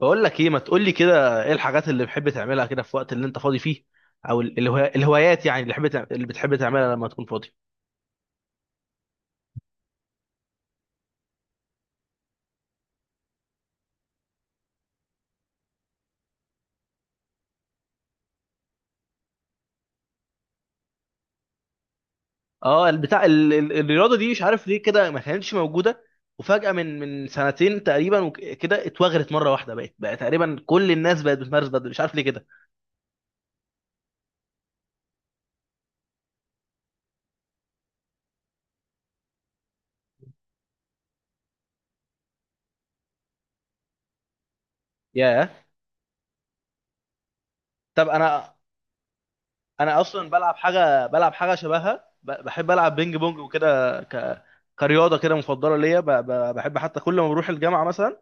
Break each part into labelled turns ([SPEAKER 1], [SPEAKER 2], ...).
[SPEAKER 1] بقول لك ايه، ما تقول لي كده، ايه الحاجات اللي بتحب تعملها كده في وقت اللي انت فاضي فيه؟ او الهوايات يعني اللي بتحب تعملها لما تكون فاضي. اه، البتاع الرياضه دي مش عارف ليه كده ما كانتش موجوده. وفجاه من سنتين تقريبا وك- كده اتوغرت مره واحده، بقت بقى تقريبا كل الناس بقت بتمارس بدل مش عارف ليه كده. ياه. طب انا اصلا بلعب حاجه، شبهها بحب العب بينج بونج وكده كرياضه كده مفضله ليا، بحب حتى كل ما بروح الجامعه مثلا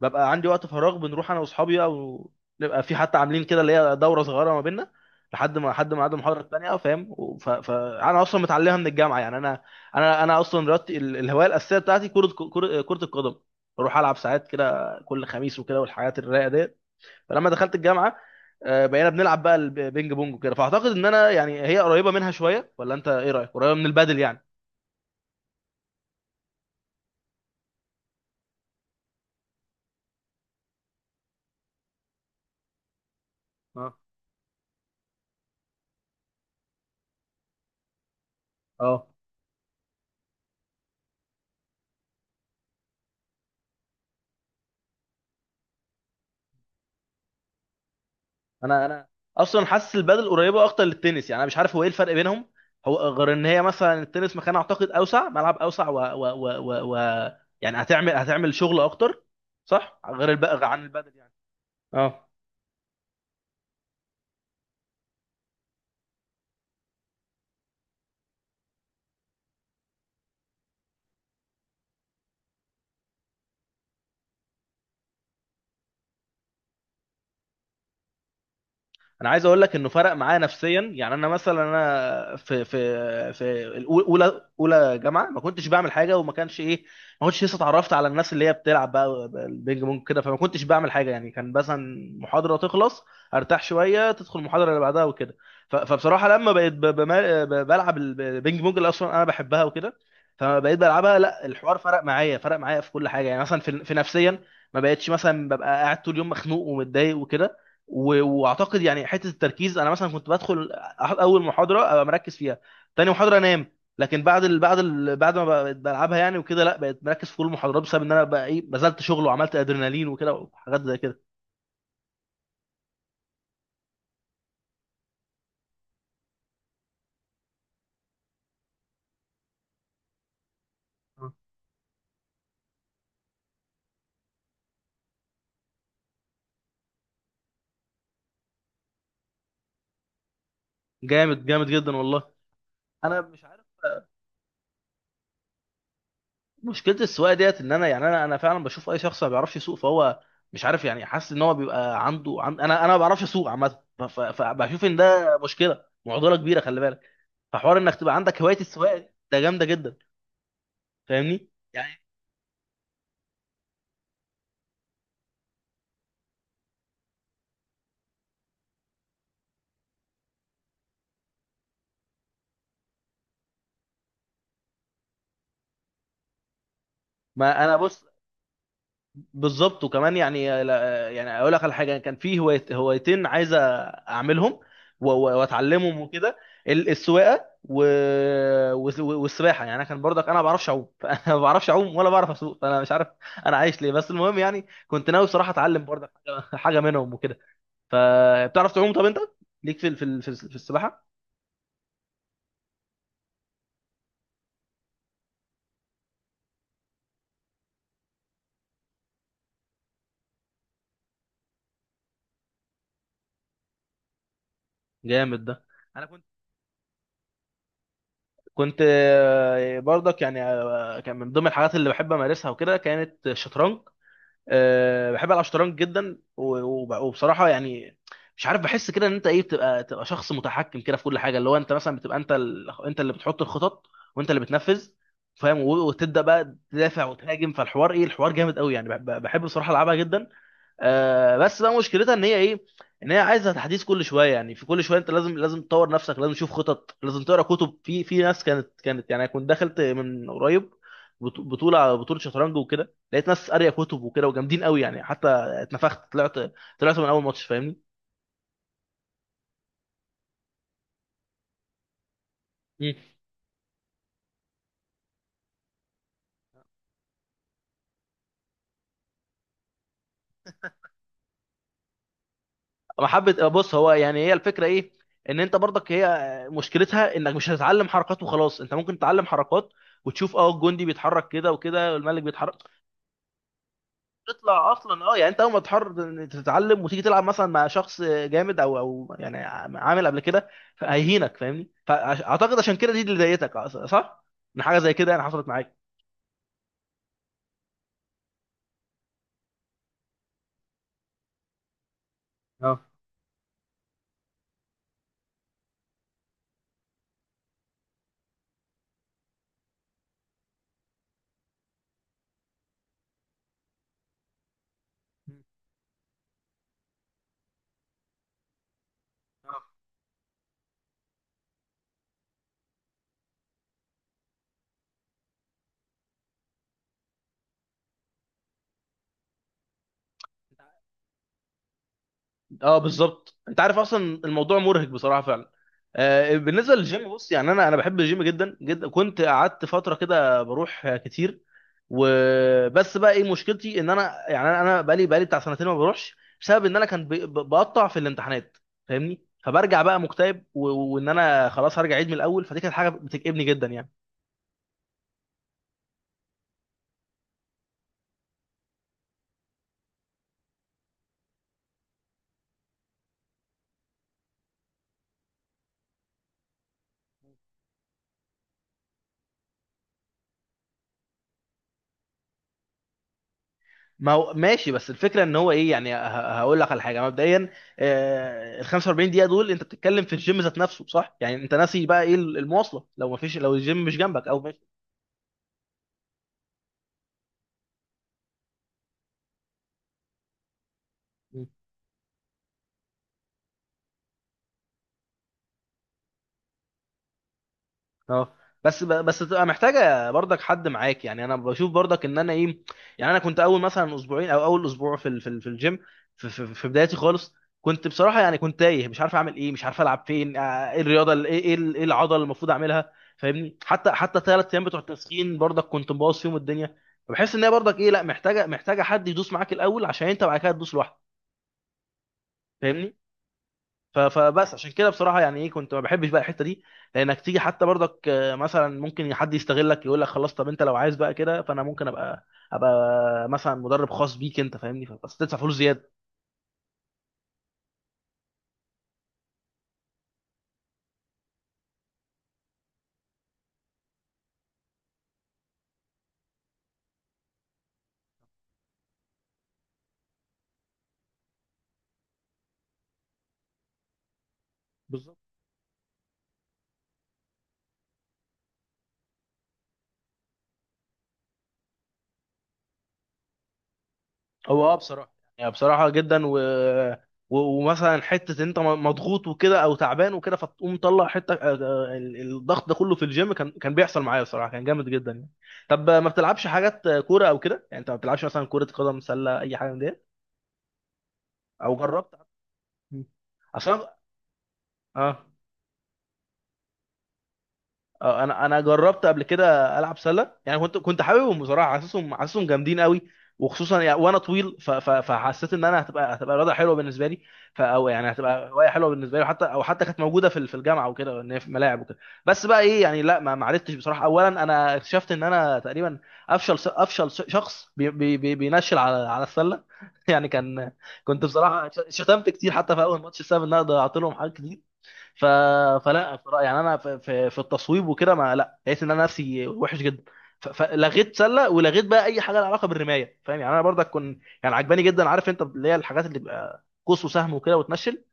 [SPEAKER 1] ببقى عندي وقت فراغ، بنروح انا واصحابي بقى، ونبقى في حتى عاملين كده اللي هي دوره صغيره ما بيننا لحد ما عاد المحاضره الثانيه، فاهم؟ فانا اصلا متعلمها من الجامعه يعني، انا انا اصلا رياضتي الهوايه الاساسيه بتاعتي كره، كرة القدم. بروح العب ساعات كده كل خميس وكده والحاجات الرايقه ديت. فلما دخلت الجامعه، بقينا بنلعب بقى البينج بونج وكده، فاعتقد ان انا يعني هي قريبه منها شويه، ولا انت ايه رايك؟ قريبه من البادل يعني. اه، اه، انا اصلا حاسس البادل قريبه اكتر للتنس، يعني انا مش عارف هو ايه الفرق بينهم. هو غير ان هي مثلا التنس مكان اعتقد اوسع، ملعب اوسع، و يعني هتعمل شغل اكتر، صح، غير عن البادل يعني. اه، انا عايز اقول لك انه فرق معايا نفسيا، يعني انا مثلا انا في اولى جامعه ما كنتش بعمل حاجه، وما كانش ايه، ما كنتش لسه اتعرفت على الناس اللي هي بتلعب بقى البينج بونج كده، فما كنتش بعمل حاجه، يعني كان مثلا محاضره تخلص، ارتاح شويه، تدخل المحاضره اللي بعدها وكده. فبصراحه لما بقيت بلعب البينج بونج اللي اصلا انا بحبها وكده، فبقيت بلعبها، لا، الحوار فرق معايا في كل حاجه، يعني مثلا في نفسيا، ما بقتش مثلا ببقى قاعد طول اليوم مخنوق ومتضايق وكده. واعتقد يعني حته التركيز، انا مثلا كنت بدخل اول محاضره ابقى مركز فيها، تاني محاضره انام، لكن بعد ما بقيت بلعبها يعني وكده، لا، بقيت مركز في كل المحاضرات، بسبب ان انا بقى ايه بذلت شغل وعملت ادرينالين وكده وحاجات زي كده. جامد جامد جدا والله. انا مش عارف، مشكله السواقه ديت ان انا يعني انا فعلا بشوف اي شخص ما بيعرفش يسوق فهو مش عارف، يعني حاسس ان هو بيبقى عنده انا ما بعرفش اسوق عامه، فبشوف ان ده مشكله، معضله كبيره، خلي بالك. فحوار انك تبقى عندك هوايه السواقه دي، ده جامده جدا. فاهمني؟ يعني. ما انا بص. بالظبط، وكمان يعني يعني اقول لك على حاجه، كان في هوايتين عايز اعملهم واتعلمهم وكده، السواقه والسباحه. يعني انا كان برضك، انا ما بعرفش اعوم فانا ما بعرفش اعوم ولا بعرف اسوق، فانا مش عارف انا عايش ليه. بس المهم يعني، كنت ناوي بصراحه اتعلم برضك حاجه حاجة منهم وكده. فبتعرف تعوم؟ طب انت ليك في السباحه؟ جامد ده. كنت برضك يعني كان من ضمن الحاجات اللي بحب امارسها وكده كانت الشطرنج. بحب العب شطرنج جدا، وبصراحه يعني مش عارف، بحس كده ان انت ايه، تبقى شخص متحكم كده في كل حاجه، اللي هو انت مثلا بتبقى انت اللي بتحط الخطط، وانت اللي بتنفذ، فاهم؟ وتبدا بقى تدافع وتهاجم، فالحوار ايه، الحوار جامد قوي، يعني بحب بصراحه العبها جدا. بس بقى مشكلتها ان هي ايه، ان هي عايزه تحديث كل شويه، يعني في كل شويه انت لازم تطور نفسك، لازم تشوف خطط، لازم تقرا كتب، في ناس كانت كانت، يعني أنا كنت دخلت من قريب بطوله شطرنج وكده، لقيت ناس قاريه كتب وكده وجامدين قوي يعني، حتى اتنفخت، طلعت من اول ماتش، فاهمني؟ مم. محبه، بص، هو يعني هي الفكره ايه، ان انت برضك هي مشكلتها انك مش هتتعلم حركات وخلاص، انت ممكن تتعلم حركات وتشوف الجندي بيتحرك كده وكده، والملك بيتحرك، تطلع اصلا يعني انت اول ما تتعلم وتيجي تلعب مثلا مع شخص جامد او يعني عامل قبل كده، هيهينك، فاهمني؟ فاعتقد عشان كده دي اللي ضايقتك صح، ان حاجه زي كده يعني حصلت معاك. اه، اه، بالظبط، انت عارف اصلا الموضوع مرهق بصراحه فعلا. آه، بالنسبه للجيم، بص يعني انا بحب الجيم جدا جدا، كنت قعدت فتره كده بروح كتير، وبس، بقى ايه مشكلتي؟ ان انا يعني انا بقالي بتاع سنتين ما بروحش، بسبب ان انا كان بقطع في الامتحانات، فاهمني؟ فبرجع بقى مكتئب وان انا خلاص هرجع عيد من الاول، فدي كانت حاجه بتكئبني جدا يعني. ما هو ماشي، بس الفكره ان هو ايه؟ يعني هقول لك على حاجه مبدئيا، ال 45 دقيقه دول انت بتتكلم في الجيم ذات نفسه صح، يعني انت ناسي بقى ايه المواصله، لو ما فيش، لو الجيم مش جنبك او ماشي. اه، بس بس تبقى محتاجه برضك حد معاك، يعني انا بشوف برضك ان انا ايه، يعني انا كنت اول مثلا اسبوعين او اول اسبوع في الجيم، في بدايتي خالص، كنت بصراحه يعني كنت تايه، مش عارف اعمل ايه، مش عارف العب فين، ايه الرياضه إيه العضله اللي المفروض اعملها، فاهمني؟ حتى 3 ايام بتوع التسخين برضك كنت مبوظ فيهم الدنيا. فبحس ان هي برضك ايه، لا محتاجه حد يدوس معاك الاول، عشان انت بعد كده تدوس لوحدك، فاهمني. فبس عشان كده بصراحه يعني ايه، كنت ما بحبش بقى الحته دي، لانك تيجي حتى برضك مثلا ممكن حد يستغلك، يقول لك خلاص، طب انت لو عايز بقى كده فانا ممكن ابقى مثلا مدرب خاص بيك انت، فاهمني؟ بس تدفع فلوس زياده. بالظبط. هو بصراحه جدا ومثلا حته انت مضغوط وكده او تعبان وكده، فتقوم مطلع حته الضغط ده كله في الجيم، كان بيحصل معايا بصراحه، كان جامد جدا يعني. طب ما بتلعبش حاجات كوره او كده، يعني انت ما بتلعبش مثلا كره قدم، سله، اي حاجه من دي؟ او جربت؟ مم. اصلا. اه، اه، انا جربت قبل كده العب سله، يعني كنت حاببهم بصراحه، حاسسهم جامدين قوي، وخصوصا يعني وانا طويل، فحسيت ان انا هتبقى رياضه حلوه بالنسبه لي، او يعني هتبقى هوايه حلوه بالنسبه لي، وحتى او حتى كانت موجوده في الجامعه وكده، ان هي في ملاعب وكده. بس بقى ايه يعني، لا ما عرفتش بصراحه، اولا انا اكتشفت ان انا تقريبا افشل شخص بينشل على السله يعني كان، كنت بصراحه شتمت كتير، حتى في اول ماتش بسبب ان انا ضيعت لهم حاجات كتير، ف... فلا، يعني انا في التصويب وكده، ما لا، لقيت ان انا نفسي وحش جدا، فلغيت سله، ولغيت بقى اي حاجه لها علاقه بالرمايه، فاهم؟ يعني انا برضك كنت يعني عجباني جدا، عارف انت اللي هي الحاجات اللي بيبقى قوس وسهم وكده وتنشل،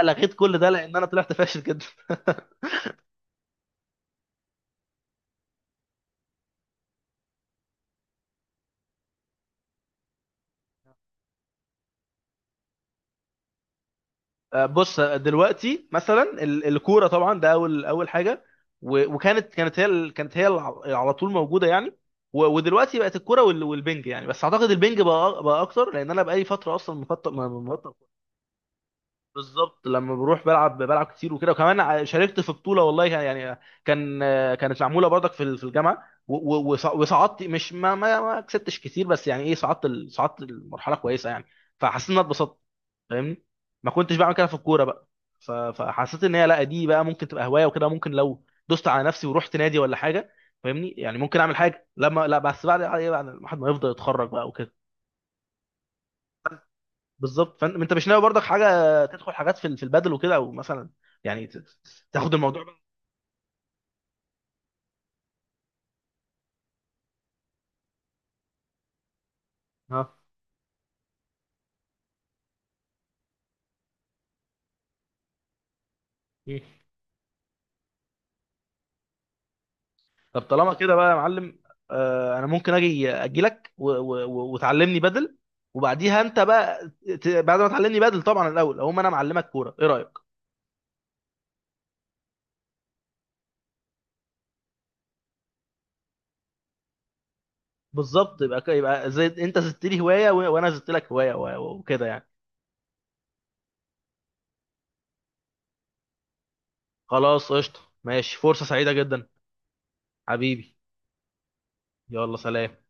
[SPEAKER 1] لغيت كل ده لان انا طلعت فاشل جدا. بص دلوقتي مثلا الكوره طبعا، ده اول اول حاجه، و- وكانت كانت هي ال- كانت هي الع- على طول موجوده يعني، ودلوقتي بقت الكوره والبنج، يعني بس اعتقد البنج بقى اكتر لان انا بقالي فتره اصلا مفطر. بالظبط، لما بروح بلعب كتير وكده، وكمان شاركت في بطوله والله يعني كان كانت معموله برضك في الجامعه، وصعدت مش ما كسبتش كتير، بس يعني ايه صعدت المرحله كويسه يعني. فحسيت ان انا اتبسطت، فاهمني؟ ما كنتش بعمل كده في الكوره بقى. فحسيت ان هي، لا دي بقى ممكن تبقى هوايه وكده، ممكن لو دوست على نفسي ورحت نادي ولا حاجه، فاهمني؟ يعني ممكن اعمل حاجه، لما لا، بس بعد ايه، بعد ما الواحد ما يفضل يتخرج بقى وكده. بالظبط، فانت مش ناوي برضك حاجه تدخل حاجات في البدل وكده او مثلا، يعني تاخد الموضوع بقى. اه. إيه. طب طالما كده بقى يا معلم، انا ممكن اجي لك وتعلمني بدل، وبعديها انت بقى، بعد ما تعلمني بدل طبعا الاول، اقوم انا معلمك كوره، ايه رايك؟ بالظبط، يبقى زي انت زدت لي هوايه وانا زدت لك هوايه وكده يعني. خلاص، قشطه، ماشي، فرصه سعيده جدا. حبيبي، يلا سلام.